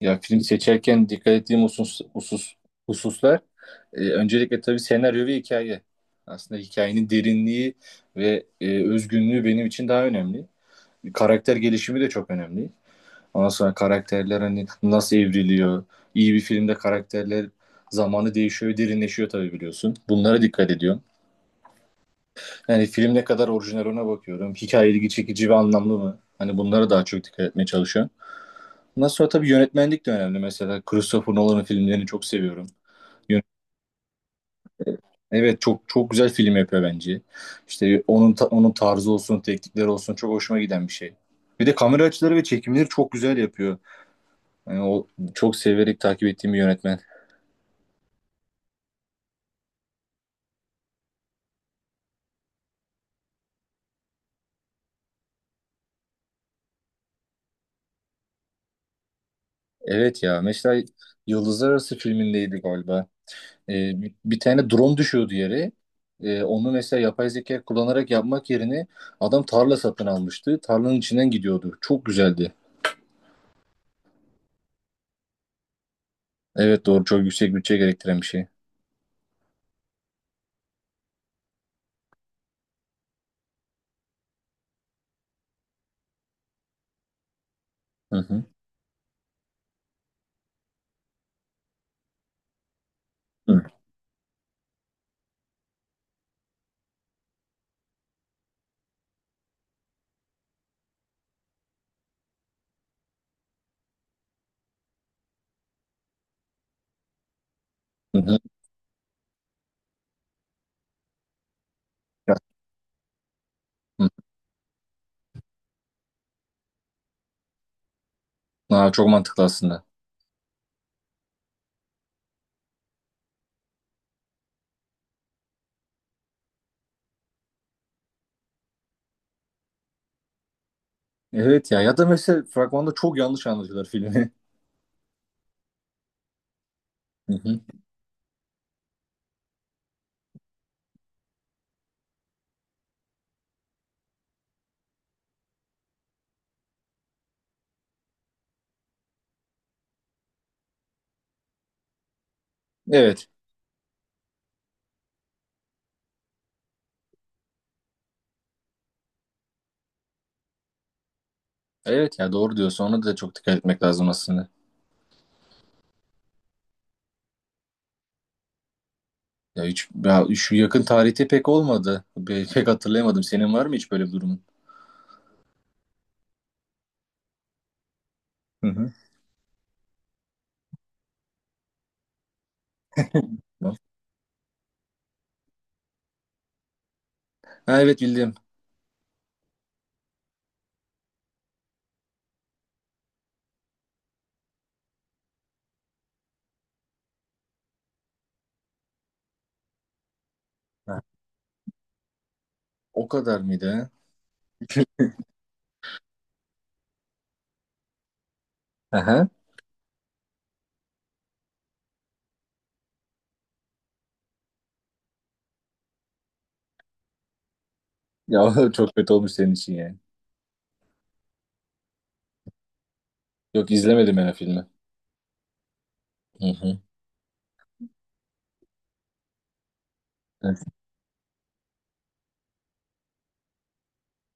Ya film seçerken dikkat ettiğim hususlar, öncelikle tabii senaryo ve hikaye. Aslında hikayenin derinliği ve özgünlüğü benim için daha önemli. Karakter gelişimi de çok önemli. Ondan sonra karakterler hani nasıl evriliyor? İyi bir filmde karakterler zamanı değişiyor, derinleşiyor tabii biliyorsun. Bunlara dikkat ediyorum. Yani film ne kadar orijinal ona bakıyorum. Hikaye ilgi çekici ve anlamlı mı? Hani bunlara daha çok dikkat etmeye çalışıyorum. Ondan sonra tabii yönetmenlik de önemli. Mesela Christopher Nolan'ın filmlerini çok seviyorum. Yön- Evet, çok çok güzel film yapıyor bence. İşte onun tarzı olsun, teknikleri olsun çok hoşuma giden bir şey. Bir de kamera açıları ve çekimleri çok güzel yapıyor. Yani o çok severek takip ettiğim bir yönetmen. Evet ya, mesela Yıldızlar Arası filmindeydi galiba. Bir tane drone düşüyordu yere. Onu mesela yapay zeka kullanarak yapmak yerine adam tarla satın almıştı. Tarlanın içinden gidiyordu. Çok güzeldi. Evet doğru, çok yüksek bütçe gerektiren bir şey. Hı hı. Hı hı. Hı. Ya, hı. Aa, çok mantıklı aslında. Evet ya, ya da mesela fragmanda çok yanlış anlatıyorlar filmi. Hı hı. Evet. Evet ya doğru diyorsun. Ona da çok dikkat etmek lazım aslında. Ya hiç, ya şu yakın tarihte pek olmadı. Pek hatırlayamadım. Senin var mı hiç böyle bir durumun? Hı hı. Ha, evet bildim. Ha, o kadar mıydı? Ha? Aha. Ya çok kötü olmuş senin için yani. Yok, izlemedim ben o filmi. Hı hı. Evet.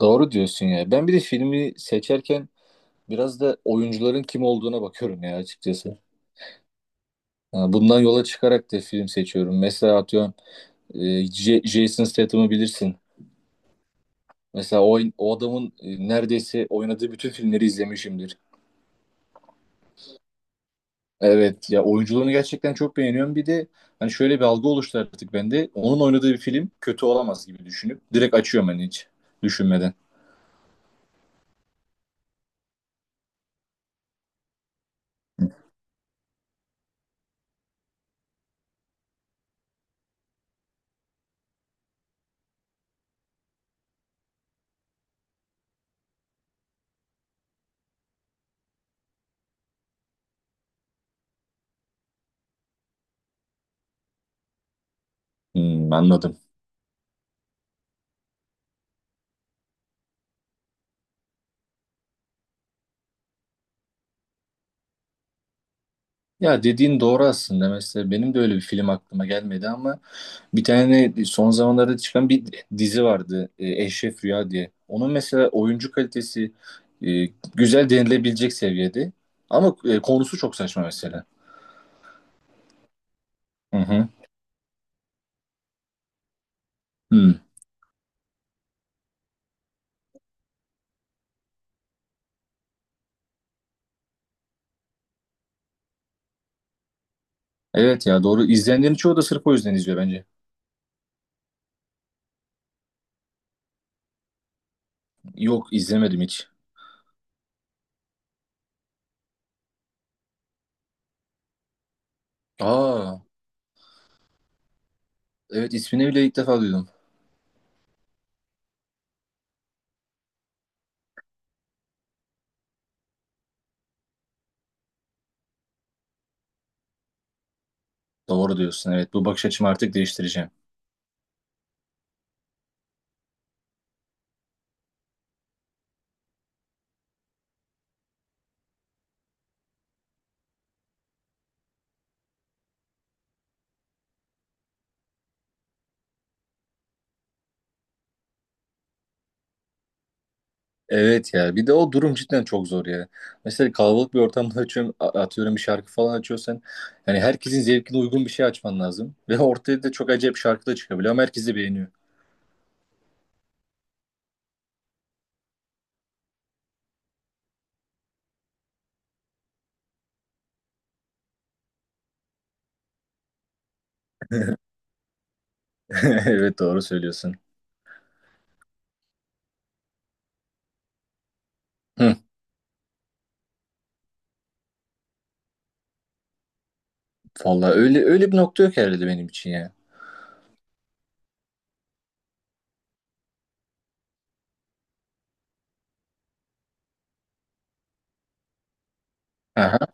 Doğru diyorsun ya. Ben bir de filmi seçerken biraz da oyuncuların kim olduğuna bakıyorum ya açıkçası. Yani bundan yola çıkarak da film seçiyorum. Mesela atıyorum, Jason Statham'ı bilirsin. Mesela o adamın, neredeyse oynadığı bütün filmleri izlemişimdir. Evet ya, oyunculuğunu gerçekten çok beğeniyorum. Bir de hani şöyle bir algı oluştu artık bende. Onun oynadığı bir film kötü olamaz gibi düşünüp direkt açıyorum, hani hiç düşünmeden. Hmm, anladım. Ya dediğin doğru aslında. Mesela benim de öyle bir film aklıma gelmedi ama bir tane son zamanlarda çıkan bir dizi vardı, Eşref Rüya diye. Onun mesela oyuncu kalitesi e, güzel denilebilecek seviyede. Ama, konusu çok saçma mesela. Hı hı. Hı. Evet ya doğru. İzleyenlerin çoğu da sırf o yüzden izliyor bence. Yok, izlemedim hiç. Aa, evet, ismini bile ilk defa duydum. Doğru diyorsun, evet, bu bakış açımı artık değiştireceğim. Evet ya, bir de o durum cidden çok zor ya. Mesela kalabalık bir ortamda açıyorum, atıyorum bir şarkı falan açıyorsan yani herkesin zevkine uygun bir şey açman lazım. Ve ortaya da çok acayip şarkı da çıkabiliyor ama herkes de beğeniyor. Evet doğru söylüyorsun. Hı, vallahi öyle bir nokta yok herhalde benim için ya. Aha,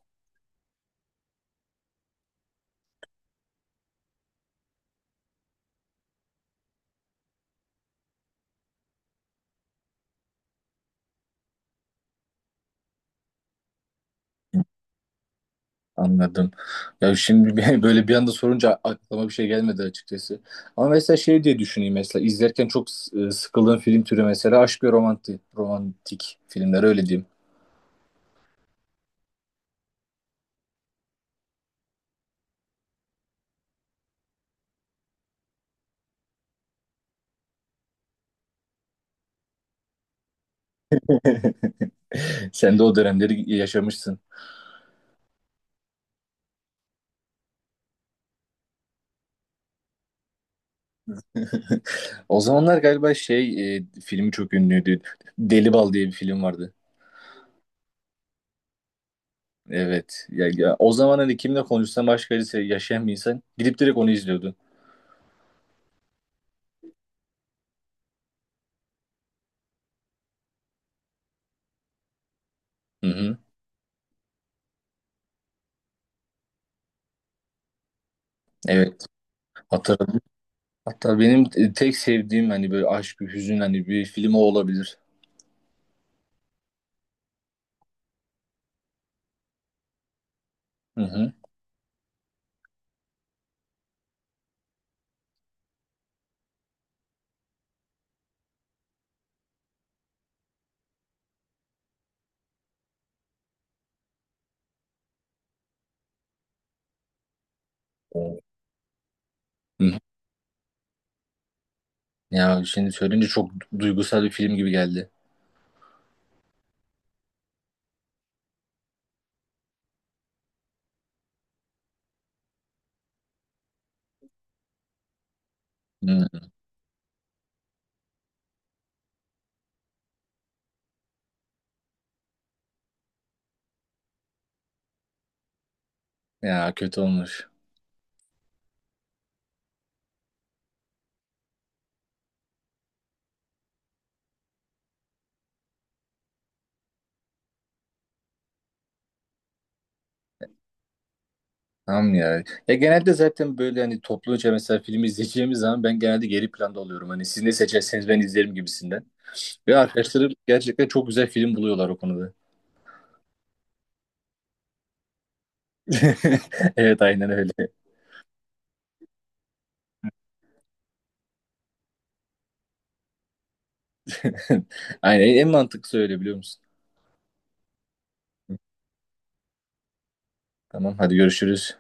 anladım. Ya böyle bir anda sorunca aklıma bir şey gelmedi açıkçası. Ama mesela şey diye düşüneyim, mesela izlerken çok sıkıldığım film türü mesela aşk ve romantik filmler öyle diyeyim. Sen de o dönemleri yaşamışsın. O zamanlar galiba filmi çok ünlüydü. Deli Bal diye bir film vardı. Evet. Ya o zaman hani kimle konuşsam başka birisi, yaşayan bir insan gidip direkt onu izliyordu. Hı hı. Evet. Hatırladım. Hatta benim, tek sevdiğim hani böyle aşk, bir hüzün hani, bir film o olabilir. Hı hı. Hı hı. Ya şimdi söyleyince çok duygusal bir film gibi geldi. Hı. Ya kötü olmuş. Tamam ya. Ya genelde zaten böyle hani topluca mesela film izleyeceğimiz zaman ben genelde geri planda oluyorum. Hani siz ne seçerseniz ben izlerim gibisinden. Ve arkadaşlarım gerçekten çok güzel film buluyorlar o konuda. Evet, aynen öyle. Aynen, en mantıklısı öyle, biliyor musun? Tamam hadi, görüşürüz.